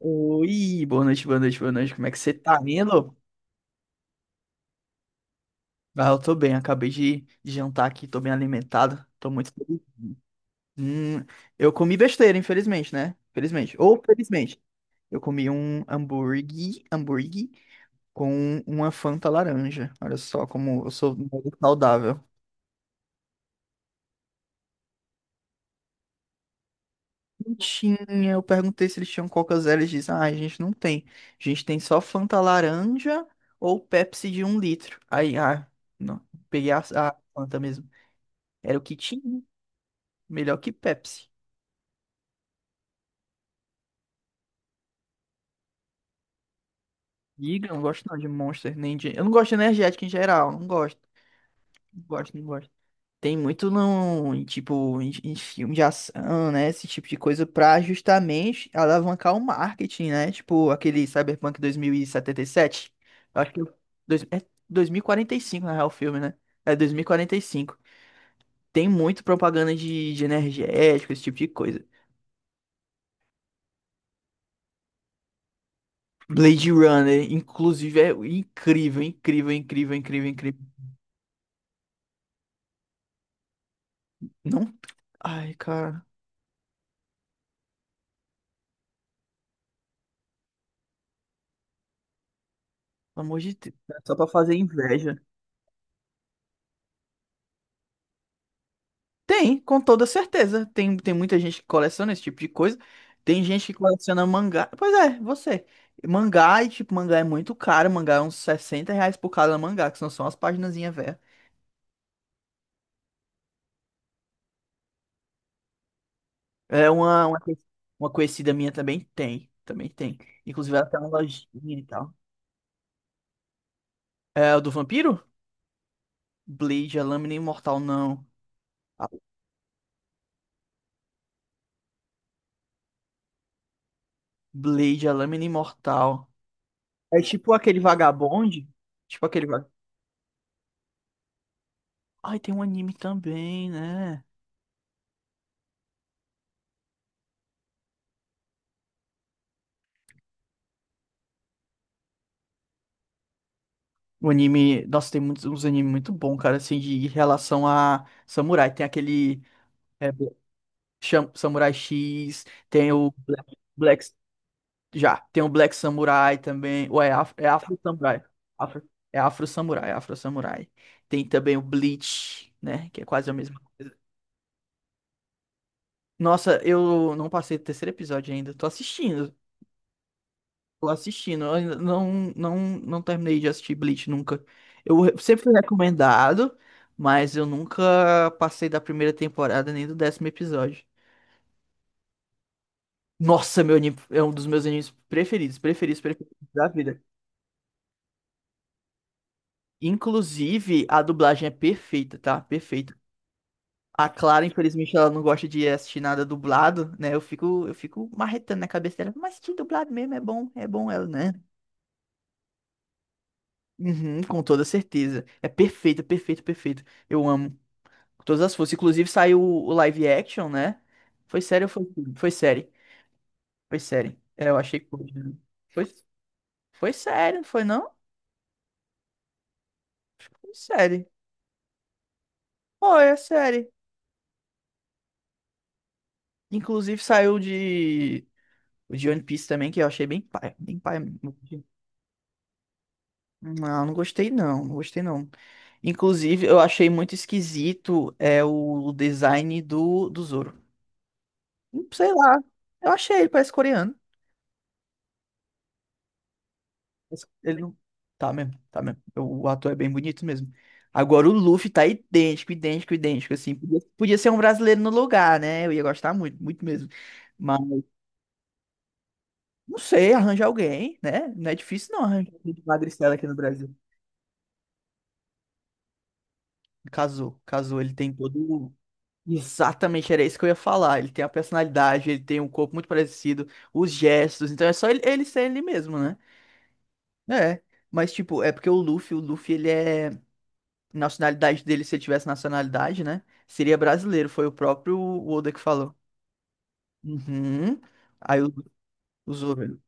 Oi, boa noite, boa noite, boa noite. Como é que você tá, Nilo? Ah, eu tô bem, acabei de jantar aqui, tô bem alimentado, tô muito feliz. Hum, eu comi besteira, infelizmente, né? Felizmente. Ou felizmente. Eu comi um hambúrguer, hambúrguer com uma Fanta laranja. Olha só como eu sou muito saudável. Não tinha, eu perguntei se eles tinham Coca Zero, eles dizem, ah, a gente não tem. A gente tem só Fanta laranja ou Pepsi de um litro. Aí, não, peguei a Fanta mesmo. Era o que tinha, né? Melhor que Pepsi. Diga, eu não gosto não de Monster, nem de... Eu não gosto de energética em geral, não gosto. Não gosto, não gosto. Tem muito não, tipo, em filme de ação, né? Esse tipo de coisa pra justamente alavancar o marketing, né? Tipo, aquele Cyberpunk 2077. Eu acho que. É 2045, na real, o filme, né? É 2045. Tem muito propaganda de energético, esse tipo de coisa. Blade Runner, inclusive, é incrível, incrível, incrível, incrível, incrível. Não. Ai, cara, pelo amor de Deus. É só pra fazer inveja. Tem, com toda certeza. Tem muita gente que coleciona esse tipo de coisa. Tem gente que coleciona mangá. Pois é, você. Mangá, e tipo, mangá é muito caro. Mangá é uns 60 reais por cada mangá, que são só umas paginazinhas velhas. É uma, uma, conhe- uma conhecida minha também tem. Também tem. Inclusive, ela tem uma lojinha e tal. É o do vampiro? Blade, a Lâmina Imortal, não. A Blade, a Lâmina Imortal. É tipo aquele vagabonde. Tipo aquele. Ai, tem um anime também, né? O anime. Nossa, tem muitos, uns animes muito bons, cara, assim, de em relação a samurai. Tem aquele. É, Samurai X, tem o Black. Já, tem o Black Samurai também. Ou é, é Afro Samurai. Afro, é Afro Samurai, é Afro Samurai. Tem também o Bleach, né? Que é quase a mesma coisa. Nossa, eu não passei do terceiro episódio ainda. Tô assistindo. Tô assistindo. Eu ainda não terminei de assistir Bleach nunca. Sempre fui recomendado, mas eu nunca passei da primeira temporada nem do décimo episódio. Nossa, meu anime é um dos meus animes preferidos, preferidos, preferidos da vida. Inclusive, a dublagem é perfeita, tá? Perfeita. A Clara, infelizmente, ela não gosta de assistir nada dublado, né? Eu fico marretando na cabeça dela, mas que dublado mesmo é bom ela, né? Uhum, com toda certeza. É perfeito, perfeito, perfeito. Eu amo. Todas as forças. Inclusive saiu o live action, né? Foi sério ou foi filme? Foi série. Foi série. É, eu achei que foi, né? Foi, foi série, não foi não? Foi série. Foi, é série. Inclusive saiu de. O de One Piece também, que eu achei bem pai. Bem pai. Não, não gostei não. Não gostei não. Inclusive, eu achei muito esquisito é o design do Zoro. Sei lá. Eu achei ele, parece coreano. Mas ele não. Tá mesmo, tá mesmo. O ator é bem bonito mesmo. Agora o Luffy tá idêntico, idêntico, idêntico, assim. Podia ser um brasileiro no lugar, né? Eu ia gostar muito, muito mesmo. Mas, não sei, arranja alguém, né? Não é difícil não arranjar alguém de magricela aqui no Brasil. Casou, casou. Ele tem todo. Exatamente, era isso que eu ia falar. Ele tem a personalidade, ele tem um corpo muito parecido, os gestos. Então é só ele ser ele mesmo, né? É. Mas, tipo, é porque o Luffy, ele é. Nacionalidade dele, se ele tivesse nacionalidade, né? Seria brasileiro, foi o próprio Oda que falou. Uhum. Aí os outros.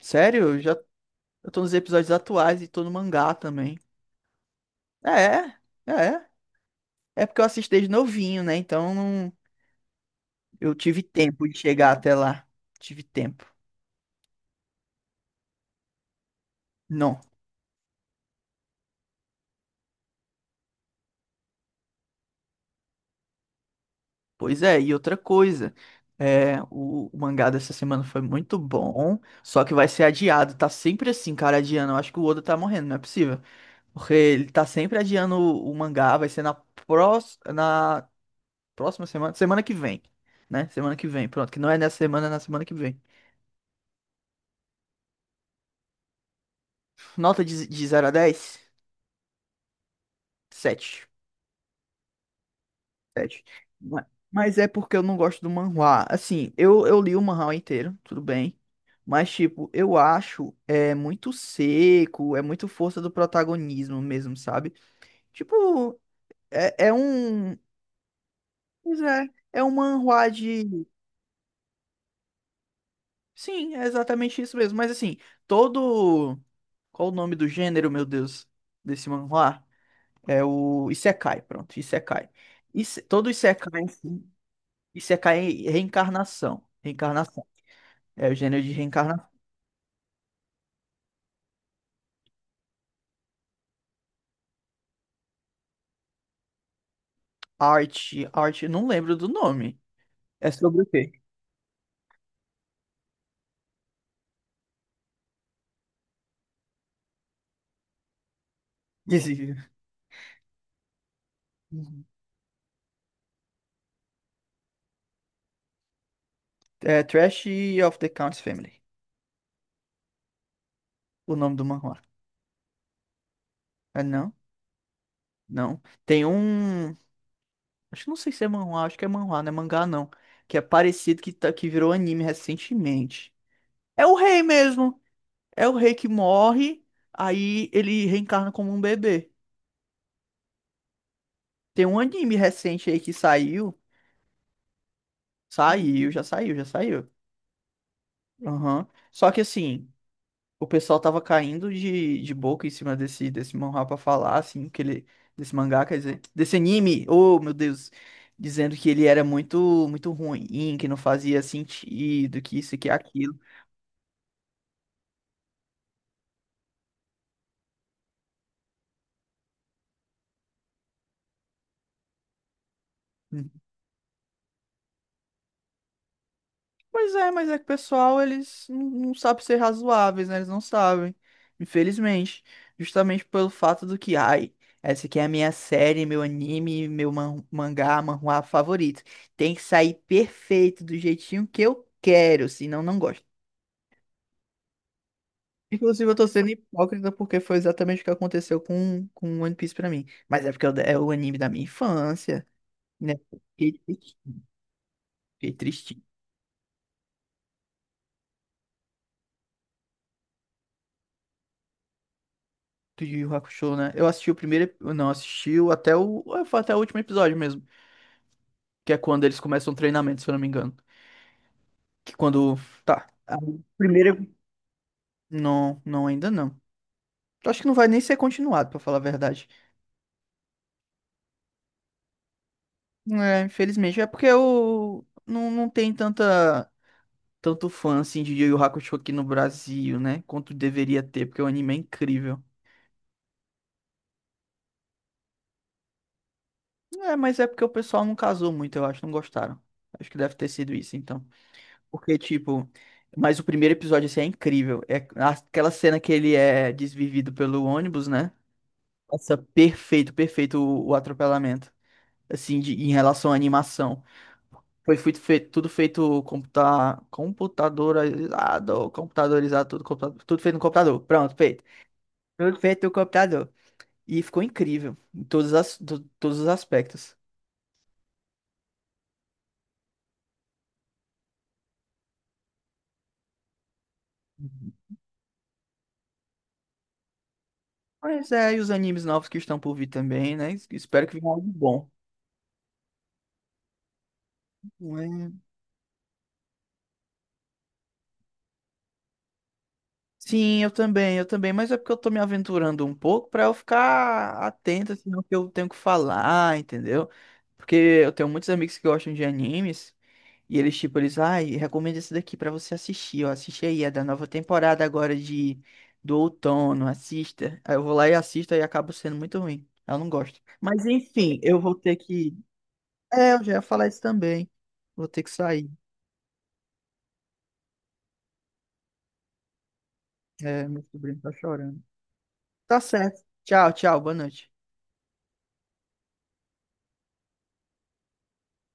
Sério? Eu tô nos episódios atuais e tô no mangá também. É, é. É É porque eu assisti desde novinho, né? Então eu tive tempo de chegar até lá. Tive tempo. Não. Pois é, e outra coisa. É, o mangá dessa semana foi muito bom, só que vai ser adiado. Tá sempre assim, cara, adiando. Eu acho que o Oda tá morrendo, não é possível. Porque ele tá sempre adiando o mangá, vai ser na próxima semana, semana que vem, né? Semana que vem, pronto, que não é nessa semana, é na semana que vem. Nota de 0 a 10? Sete. Sete. Mas é porque eu não gosto do manhwa. Assim, eu li o manhwa inteiro, tudo bem. Mas, tipo, eu acho é muito seco, é muito força do protagonismo mesmo, sabe? Tipo, é um. Pois é, é um manhwa. Sim, é exatamente isso mesmo. Mas assim, todo. Qual o nome do gênero, meu Deus, desse manhwa? É o Isekai, pronto, Isekai. Todo Isekai, assim, Isekai é reencarnação. Reencarnação. É o gênero de reencarnação. Arte, arte, não lembro do nome. É sobre o quê? Diz- Uhum. É Trash of the Count's Family, o nome do manhwa. É, não? Não. Tem um. Acho que não sei se é manhwa, acho que é manhwa, não é mangá não. Que é parecido que, tá, que virou anime recentemente. É o rei mesmo. É o rei que morre, aí ele reencarna como um bebê. Tem um anime recente aí que saiu. Saiu, já saiu, já saiu. Aham. Só que assim, o pessoal tava caindo de boca em cima desse manhwa pra falar, assim, que ele. Desse mangá, quer dizer, desse anime. Oh, meu Deus, dizendo que ele era muito muito ruim, que não fazia sentido, que isso e que aquilo. Pois é, mas é que o pessoal, eles não sabem ser razoáveis, né? Eles não sabem. Infelizmente. Justamente pelo fato do que, ai, essa aqui é a minha série, meu anime, meu mangá, manhwa favorito. Tem que sair perfeito, do jeitinho que eu quero, senão não gosto. Inclusive, eu tô sendo hipócrita porque foi exatamente o que aconteceu com One Piece pra mim. Mas é porque é o anime da minha infância, né? Fiquei triste- fiquei Do Yu Yu Hakusho, né? Eu assisti o primeiro, não, assisti até foi até o último episódio mesmo, que é quando eles começam o treinamento, se eu não me engano. Que quando, tá, ah. Primeiro, não ainda não. Eu acho que não vai nem ser continuado, pra falar a verdade. É, infelizmente, é porque eu não tem tanta tanto fã assim de Yu Yu Hakusho aqui no Brasil, né? Quanto deveria ter, porque o anime é incrível. É, mas é porque o pessoal não casou muito, eu acho, não gostaram. Acho que deve ter sido isso, então. Porque, tipo, mas o primeiro episódio, assim, é incrível. É aquela cena que ele é desvivido pelo ônibus, né? Nossa, perfeito, perfeito o atropelamento. Assim, em relação à animação. Foi feito, tudo feito computadorizado, computadorizado, tudo, tudo feito no computador. Pronto, feito. Tudo feito no computador. E ficou incrível em todos, todos os aspectos. Mas é, e os animes novos que estão por vir também, né? Espero que venha algo bom. Sim, eu também, mas é porque eu tô me aventurando um pouco pra eu ficar atento assim, ao que eu tenho que falar, entendeu? Porque eu tenho muitos amigos que gostam de animes e eles tipo, eles, ai, recomendo esse daqui pra você assistir, ó, assiste aí, é da nova temporada agora de do outono, assista. Aí eu vou lá e assisto e acabo sendo muito ruim. Eu não gosto. Mas enfim, eu vou ter que, é, eu já ia falar isso também. Vou ter que sair. É, meu sobrinho tá chorando. Tá certo. Tchau, tchau, boa noite.